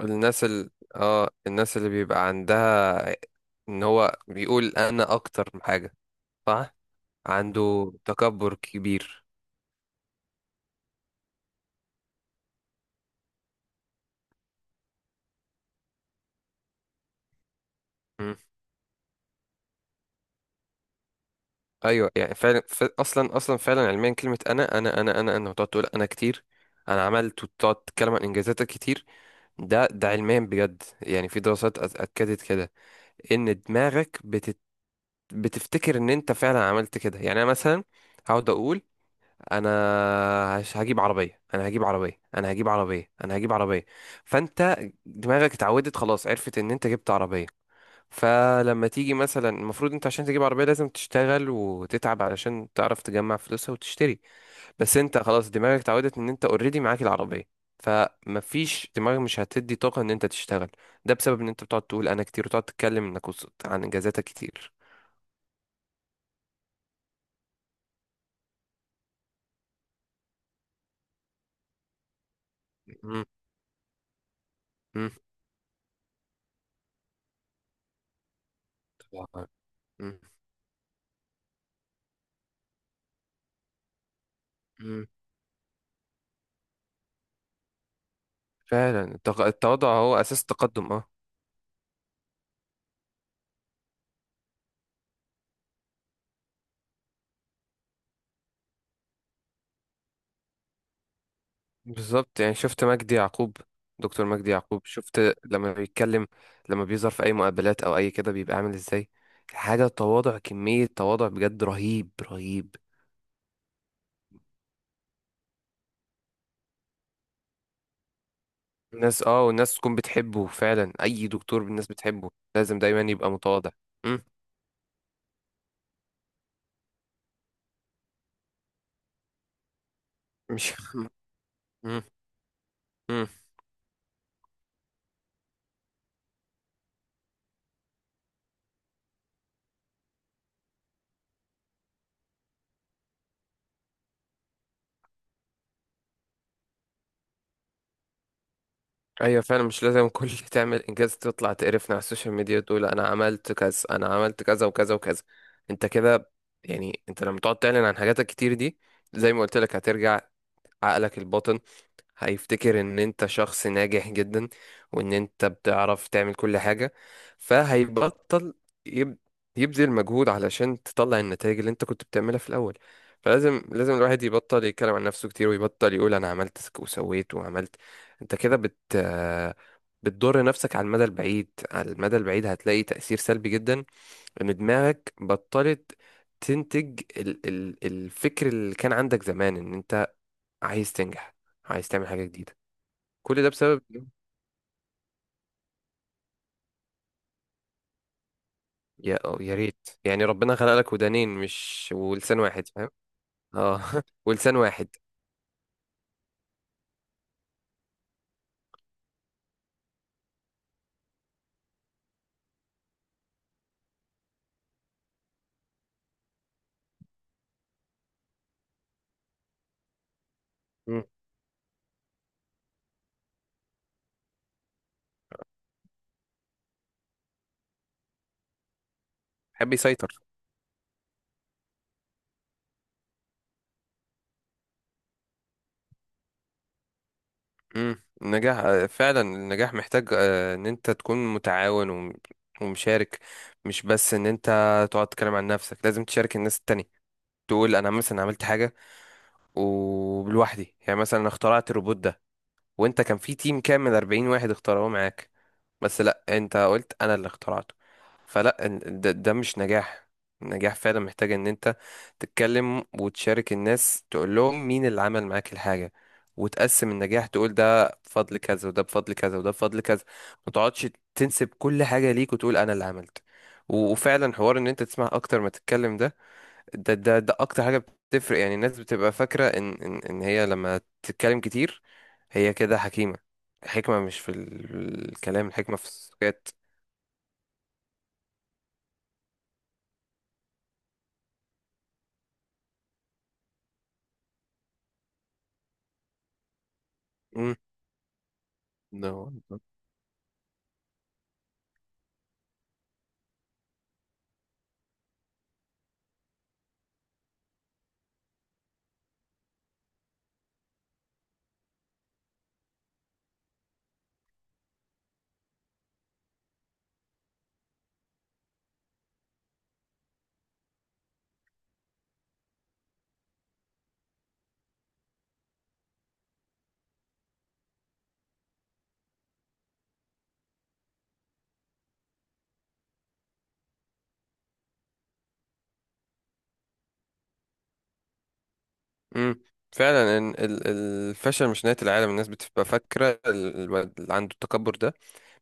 الناس ال... اه الناس اللي بيبقى عندها ان هو بيقول انا اكتر من حاجة، صح، عنده تكبر كبير. مم. ايوه، يعني فعلا، اصلا فعلا علميا كلمة انا انا انا انا انا، وتقعد تقول انا كتير، انا عملت، وتقعد تتكلم عن انجازاتك كتير. ده علميا بجد، يعني في دراسات اكدت كده ان دماغك بتفتكر ان انت فعلا عملت كده. يعني انا مثلا هقعد اقول انا، هجيب عربيه، انا هجيب عربيه، انا هجيب عربيه، انا هجيب عربيه. فانت دماغك اتعودت خلاص، عرفت ان انت جبت عربيه. فلما تيجي مثلا، المفروض انت عشان تجيب عربيه لازم تشتغل وتتعب علشان تعرف تجمع فلوسها وتشتري. بس انت خلاص دماغك اتعودت ان انت اوريدي معاك العربيه، فمفيش دماغك مش هتدي طاقه ان انت تشتغل. ده بسبب ان انت بتقعد تقول انا كتير وتقعد تتكلم انك وصلت عن انجازاتك كتير. مم. مم. طبعاً. مم. مم. فعلا التواضع هو اساس التقدم، اه. بالظبط، يعني شفت مجدي يعقوب، دكتور مجدي يعقوب؟ شفت لما بيتكلم، لما بيظهر في اي مقابلات او اي كده بيبقى عامل ازاي حاجة؟ تواضع، كمية تواضع بجد رهيب رهيب. الناس اه والناس تكون بتحبه فعلا، اي دكتور الناس بتحبه لازم دايما يبقى متواضع. مم. مش مم. مم. ايوه فعلا مش لازم كل تعمل انجاز تطلع تقرفنا على السوشيال ميديا تقول انا عملت كذا، انا عملت كذا وكذا وكذا. انت كده، يعني انت لما تقعد تعلن عن حاجاتك كتير دي، زي ما قلت لك، هترجع عقلك الباطن هيفتكر ان انت شخص ناجح جدا وان انت بتعرف تعمل كل حاجة، فهيبطل يب... يبذل مجهود علشان تطلع النتائج اللي انت كنت بتعملها في الاول. فلازم لازم الواحد يبطل يتكلم عن نفسه كتير ويبطل يقول انا عملت وسويت وعملت. انت كده بت بتضر نفسك على المدى البعيد، على المدى البعيد هتلاقي تأثير سلبي جدا، ان دماغك بطلت تنتج الفكر اللي كان عندك زمان ان انت عايز تنجح، عايز تعمل حاجة جديدة. كل ده بسبب يا أو يا ريت، يعني ربنا خلق لك ودانين مش ولسان واحد، فاهم؟ اه ولسان واحد. مم. حب يسيطر. مم. النجاح، آه، فعلا النجاح محتاج، آه، ان انت تكون متعاون ومشارك، مش بس ان انت تقعد تتكلم عن نفسك، لازم تشارك الناس التانية. تقول انا مثلا عملت حاجة، وبلوحدي يعني مثلا اخترعت الروبوت ده، وانت كان في تيم كامل 40 واحد اختاروه معاك، بس لا، انت قلت انا اللي اخترعته. فلا ده مش نجاح. النجاح فعلا محتاج ان انت تتكلم وتشارك الناس، تقول لهم مين اللي عمل معاك الحاجة، وتقسم النجاح، تقول ده بفضل كذا وده بفضل كذا وده بفضل كذا. ما تقعدش تنسب كل حاجة ليك وتقول انا اللي عملت. وفعلا حوار ان انت تسمع اكتر ما تتكلم ده، ده اكتر حاجه بتفرق. يعني الناس بتبقى فاكره ان هي لما تتكلم كتير، هي كده حكيمه. الحكمه مش في الكلام، الحكمه في السكات. امم ده هو ده. امم فعلا إن الفشل مش نهايه العالم. الناس بتبقى فاكره الواد اللي عنده التكبر ده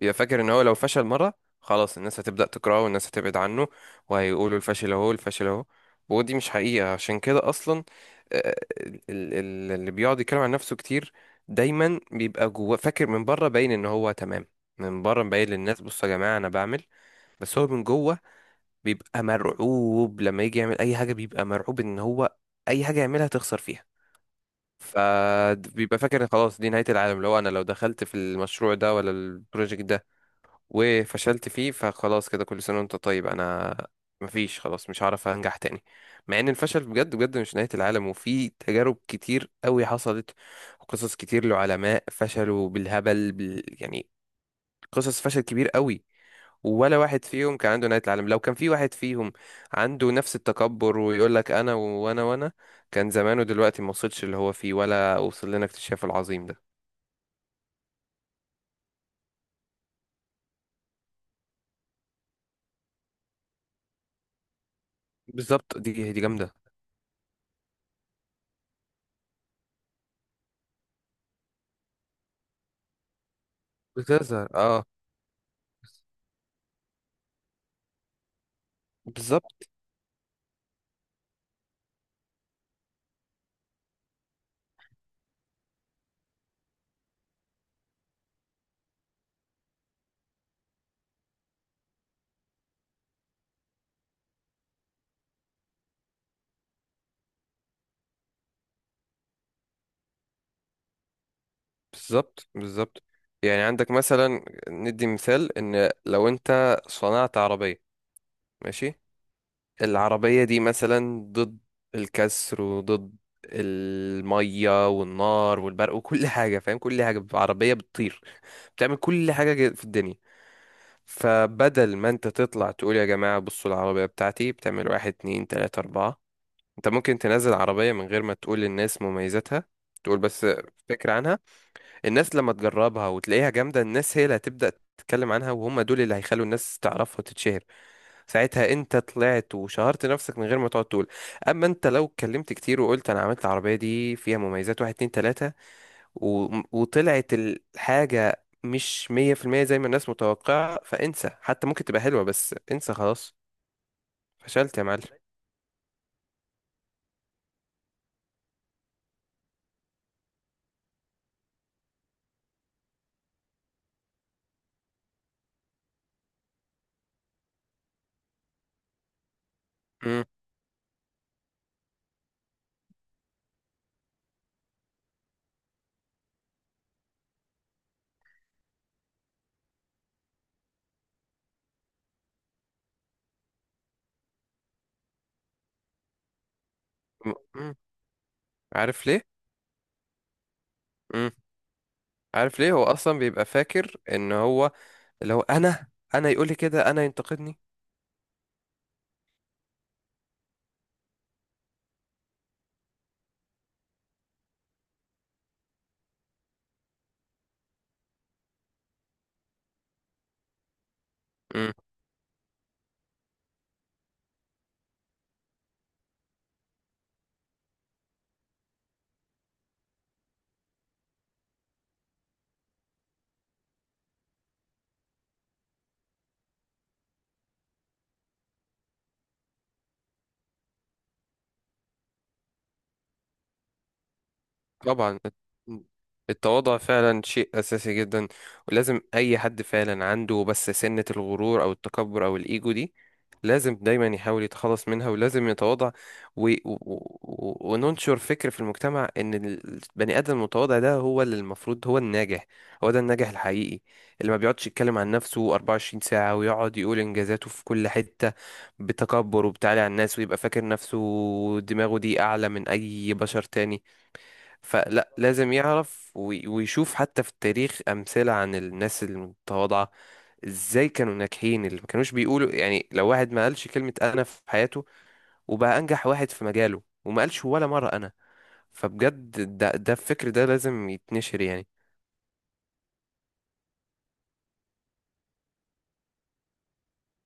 بيبقى فاكر ان هو لو فشل مرة خلاص الناس هتبدأ تكرهه والناس هتبعد عنه، وهيقولوا الفاشل اهو، الفاشل اهو. ودي مش حقيقة، عشان كده اصلا، آه، ال- اللي بيقعد يتكلم عن نفسه كتير دايما بيبقى جوه فاكر، من بره باين ان هو تمام، من بره مبين للناس بصوا يا جماعة انا بعمل، بس هو من جوه بيبقى مرعوب لما يجي يعمل اي حاجة، بيبقى مرعوب ان هو اي حاجة يعملها تخسر فيها. فبيبقى فاكر إن خلاص دي نهاية العالم، لو انا لو دخلت في المشروع ده ولا البروجكت ده وفشلت فيه فخلاص كده، كل سنة وانت طيب، انا مفيش، خلاص مش هعرف انجح تاني. مع ان الفشل بجد بجد مش نهاية العالم، وفي تجارب كتير قوي حصلت، وقصص كتير لعلماء فشلوا بالهبل يعني قصص فشل كبير قوي، ولا واحد فيهم كان عنده نهاية العالم. لو كان في واحد فيهم عنده نفس التكبر ويقول لك انا وانا وانا، كان زمانه دلوقتي ما وصلش اللي هو فيه ولا وصل لنا اكتشاف العظيم ده. بالظبط، دي جامدة. بتظهر، اه. بالظبط، بالظبط، بالظبط، يعني عندك مثلا، ندي مثال، ان لو انت صنعت عربية، ماشي، العربية دي مثلا ضد الكسر وضد المية والنار والبرق وكل حاجة، فاهم؟ كل حاجة، عربية بتطير، بتعمل كل حاجة في الدنيا. فبدل ما انت تطلع تقول يا جماعة بصوا العربية بتاعتي بتعمل واحد اتنين تلاتة اربعة، انت ممكن تنزل عربية من غير ما تقول للناس مميزاتها، تقول بس فكرة عنها. الناس لما تجربها وتلاقيها جامدة، الناس هي اللي هتبدأ تتكلم عنها، وهم دول اللي هيخلوا الناس تعرفها وتتشهر. ساعتها انت طلعت وشهرت نفسك من غير ما تقعد تقول. اما انت لو اتكلمت كتير وقلت انا عملت العربية دي فيها مميزات واحد اتنين تلاتة، و... وطلعت الحاجة مش مية في المية زي ما الناس متوقعة، فانسى، حتى ممكن تبقى حلوة بس انسى خلاص. فشلت يا معلم. مم. مم. عارف ليه؟ مم. عارف ليه هو اصلا بيبقى فاكر ان هو اللي هو انا؟ انا يقول لي كده، انا ينتقدني. طبعا، التواضع فعلا شيء أساسي جدا، ولازم أي حد فعلا عنده بس سنة الغرور أو التكبر أو الإيجو دي، لازم دايما يحاول يتخلص منها ولازم يتواضع، وننشر فكر في المجتمع إن البني آدم المتواضع ده هو اللي المفروض هو الناجح. هو ده الناجح الحقيقي، اللي ما بيقعدش يتكلم عن نفسه 24 ساعة ويقعد يقول إنجازاته في كل حتة، بتكبر وبتعالي على الناس، ويبقى فاكر نفسه دماغه دي أعلى من أي بشر تاني. فلا، لازم يعرف ويشوف حتى في التاريخ أمثلة عن الناس المتواضعة، ازاي كانوا ناجحين، اللي ما كانوش بيقولوا، يعني لو واحد ما قالش كلمة أنا في حياته وبقى أنجح واحد في مجاله وما قالش ولا مرة أنا. فبجد ده الفكر ده لازم يتنشر، يعني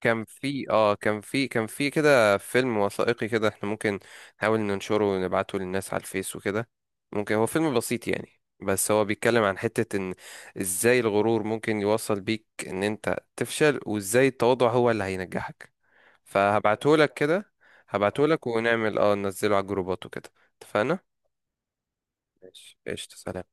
كان في اه كان في كان في كده فيلم وثائقي، كده احنا ممكن نحاول ننشره ونبعته للناس على الفيس وكده. ممكن هو فيلم بسيط يعني، بس هو بيتكلم عن حتة ان ازاي الغرور ممكن يوصل بيك ان انت تفشل وازاي التواضع هو اللي هينجحك. فهبعتهولك كده، هبعتهولك ونعمل ننزله على الجروبات وكده. اتفقنا؟ ماشي، قشطة، سلام.